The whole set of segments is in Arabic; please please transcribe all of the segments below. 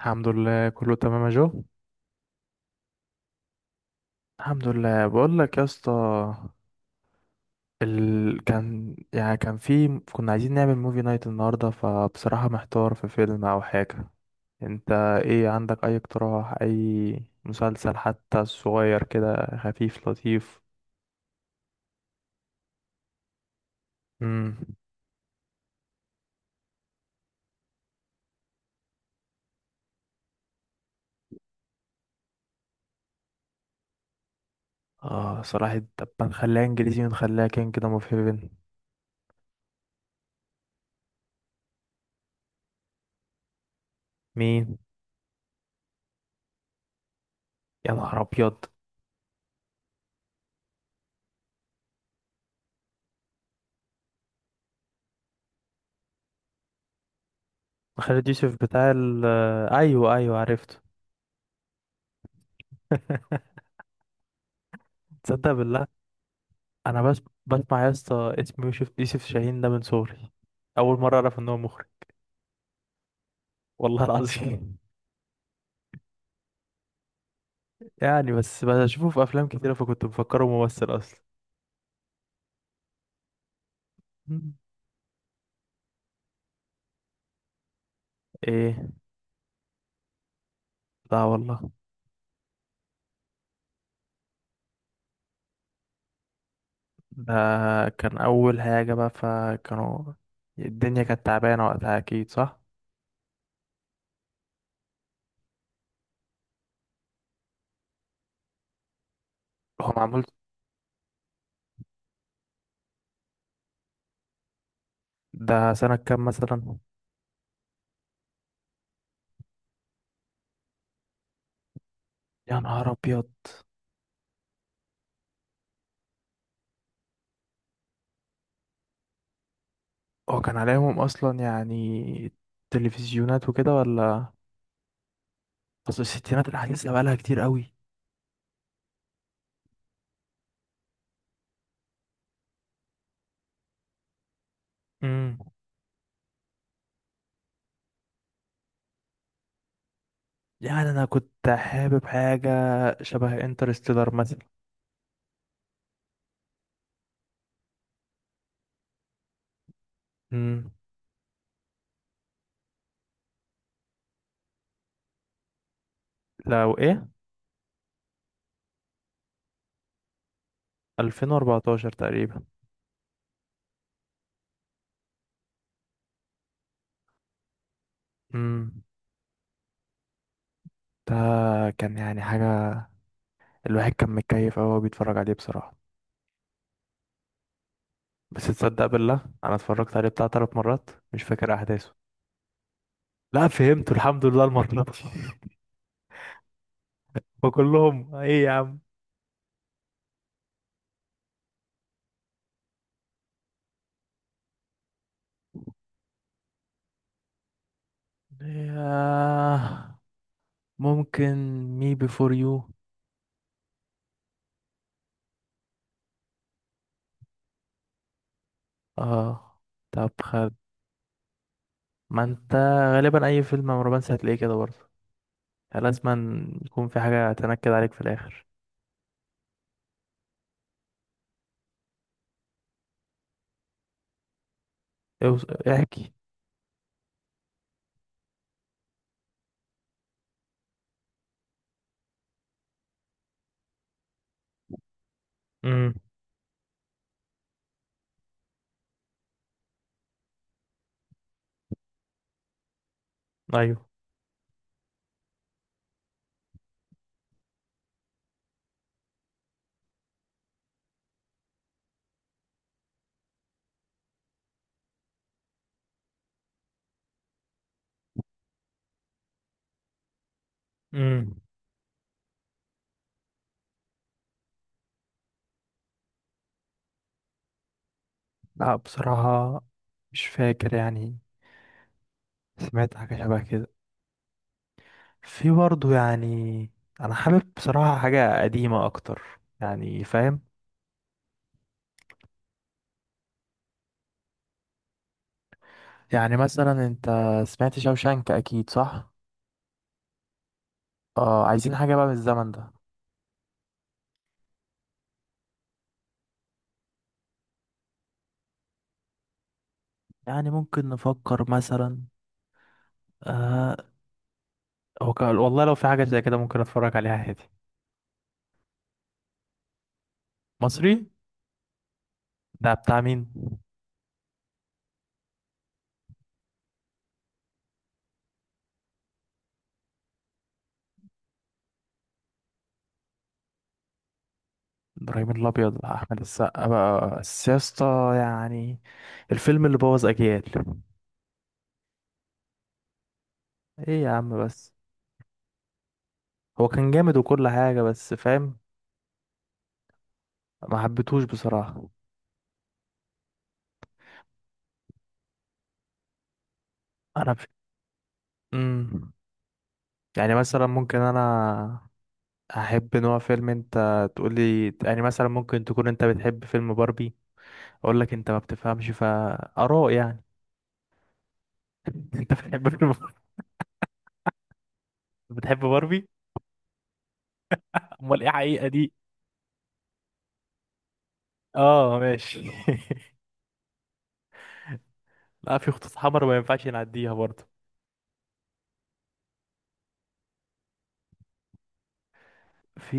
الحمد لله كله تمام يا جو. الحمد لله بقول لك يا اسطى. ال... كان يعني كان في كنا عايزين نعمل موفي نايت النهارده، فبصراحة محتار في فيلم او حاجة. انت، ايه عندك؟ اي اقتراح، اي مسلسل حتى صغير كده خفيف لطيف. امم. اه، صراحة طب ما نخليها انجليزي ونخليها كينج دوم اوف هيفن. مين؟ يا نهار ابيض! خالد يوسف بتاع آه، ايوه ايوه، عرفته. تصدق بالله، انا بس بسمع يا اسطى اسم يوسف شاهين ده من صغري. اول مره اعرف ان هو مخرج. والله العظيم. يعني بس بشوفه في افلام كتيره فكنت مفكره ممثل اصلا. مم. ايه؟ لا والله. ده كان اول حاجه بقى، فكانوا الدنيا كانت تعبانه وقتها اكيد، صح؟ هو معمول. ده سنه كام مثلا؟ يا نهار ابيض! هو كان عليهم اصلا يعني تلفزيونات وكده ولا؟ اصل الستينات الحديثه بقى لها كتير. قوي. يعني انا كنت حابب حاجه شبه انترستيلر مثلا. امم. لو ايه؟ 2014 تقريبا. امم. ده كان يعني حاجه، الواحد كان متكيف أوي وهو بيتفرج عليه بصراحه. بس تصدق بالله، انا اتفرجت عليه بتاع ثلاث مرات مش فاكر احداثه. لا، فهمته الحمد لله المره دي. وكلهم ايه يا عم. ياه. ممكن مي بيفور يو. اه. طب خد، ما انت غالبا اي فيلم رومانسي هتلاقيه كده برضه، لازم يكون في حاجة تنكد عليك في الآخر. احكي. امم. ايوه. امم. لا بصراحة مش فاكر يعني. سمعت حاجة شبه كده في برضه يعني. أنا حابب بصراحة حاجة قديمة أكتر، يعني فاهم؟ يعني مثلا أنت سمعت شوشانك أكيد صح؟ اه، عايزين حاجة بقى من الزمن ده. يعني ممكن نفكر مثلا. آه. والله لو في حاجة زي كده ممكن أتفرج عليها عادي. مصري. ده بتاع مين؟ ابراهيم الابيض بقى احمد السقا بقى، بس يا اسطى يعني الفيلم اللي بوظ اجيال. ايه يا عم بس، هو كان جامد وكل حاجه بس فاهم، ما حبيتهوش بصراحه. انا ف... مم. يعني مثلا ممكن انا احب نوع فيلم انت تقولي، يعني مثلا ممكن تكون انت بتحب فيلم باربي، اقول لك انت ما بتفهمش فاراء يعني. انت بتحب فيلم، بتحب باربي؟ امال ايه حقيقه دي؟ اه، ماشي. لا، في خطوط حمر ما ينفعش نعديها برضه. في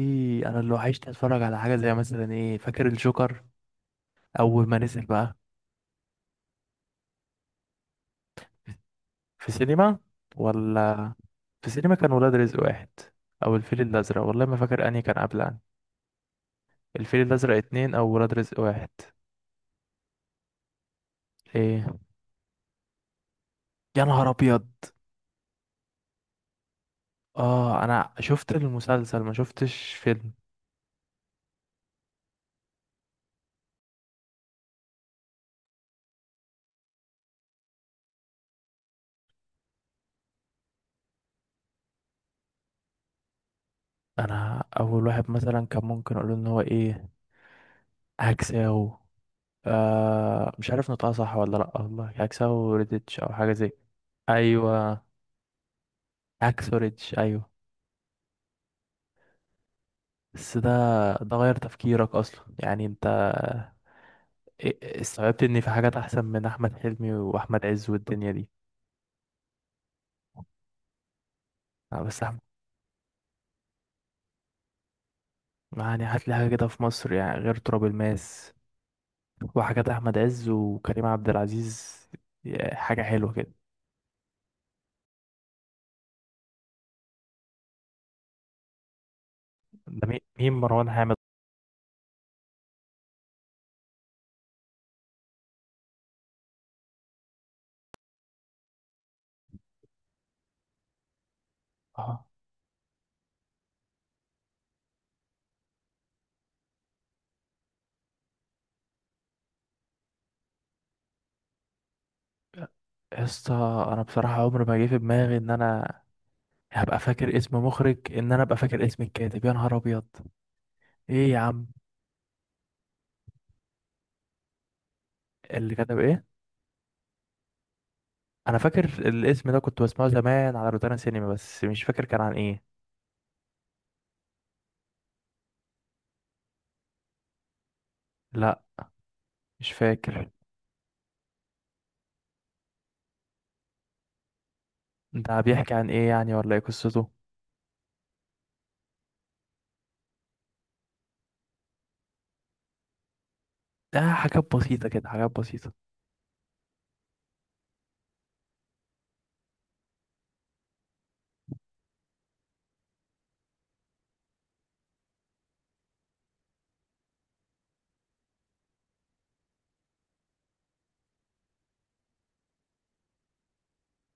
انا لو عشت اتفرج على حاجه زي مثلا ايه، فاكر الجوكر اول ما نزل بقى. في سينما ولا؟ في سينما كان ولاد رزق واحد او الفيل الازرق، والله ما فاكر انهي كان قبل انهي. الفيل الازرق اتنين او ولاد رزق واحد؟ ايه؟ يا نهار ابيض! اه، انا شفت المسلسل ما شفتش فيلم. انا اول واحد مثلا كان ممكن اقول ان هو ايه، هكساو، مش عارف نطقها صح ولا لا والله، هكساو ريديتش او حاجه زي. ايوه، هاكسو ريديتش. ايوه بس ده غير تفكيرك اصلا يعني انت، استوعبت ان في حاجات احسن من احمد حلمي واحمد عز والدنيا دي. آه، بس احمد يعني هات لي حاجه كده في مصر يعني غير تراب الماس وحاجات احمد عز وكريم عبد العزيز، حاجه حلوه كده. ده مين مروان حامد؟ اه يا اسطى، انا بصراحه عمري ما جه في دماغي ان انا هبقى فاكر اسم مخرج، ان انا ابقى فاكر اسم الكاتب. يا نهار ابيض! ايه يا عم، اللي كتب ايه؟ انا فاكر الاسم ده، كنت بسمعه زمان على روتانا سينما بس مش فاكر كان عن ايه. لا مش فاكر. ده بيحكي عن ايه يعني، ولا ايه قصته؟ ده حاجات بسيطة كده، حاجات بسيطة.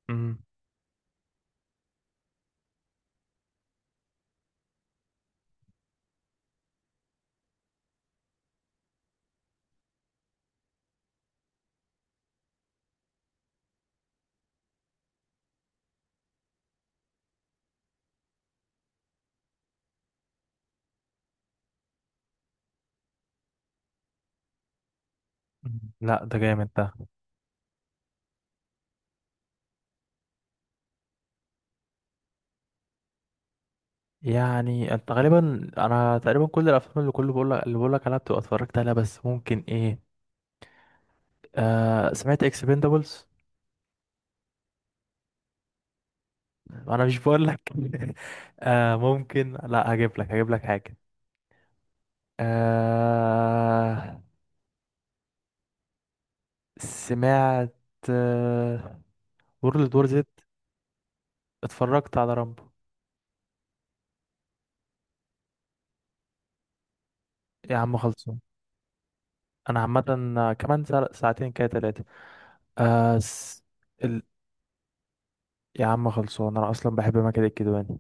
امم. لا ده جامد ده. يعني انت غالبا، انا تقريبا كل الافلام اللي بقول لك عليها بتبقى اتفرجت عليها، بس ممكن ايه؟ آه، سمعت اكسبندبلز؟ انا مش بقول لك. آه ممكن، لا هجيب لك حاجة. آه، سمعت وورلد وور زد؟ اتفرجت على رامبو؟ يا عم خلصان. انا عامه كمان ساعتين كده تلاتة. آه س... ال... يا عم خلصان انا اصلا بحب ماجد الكدواني.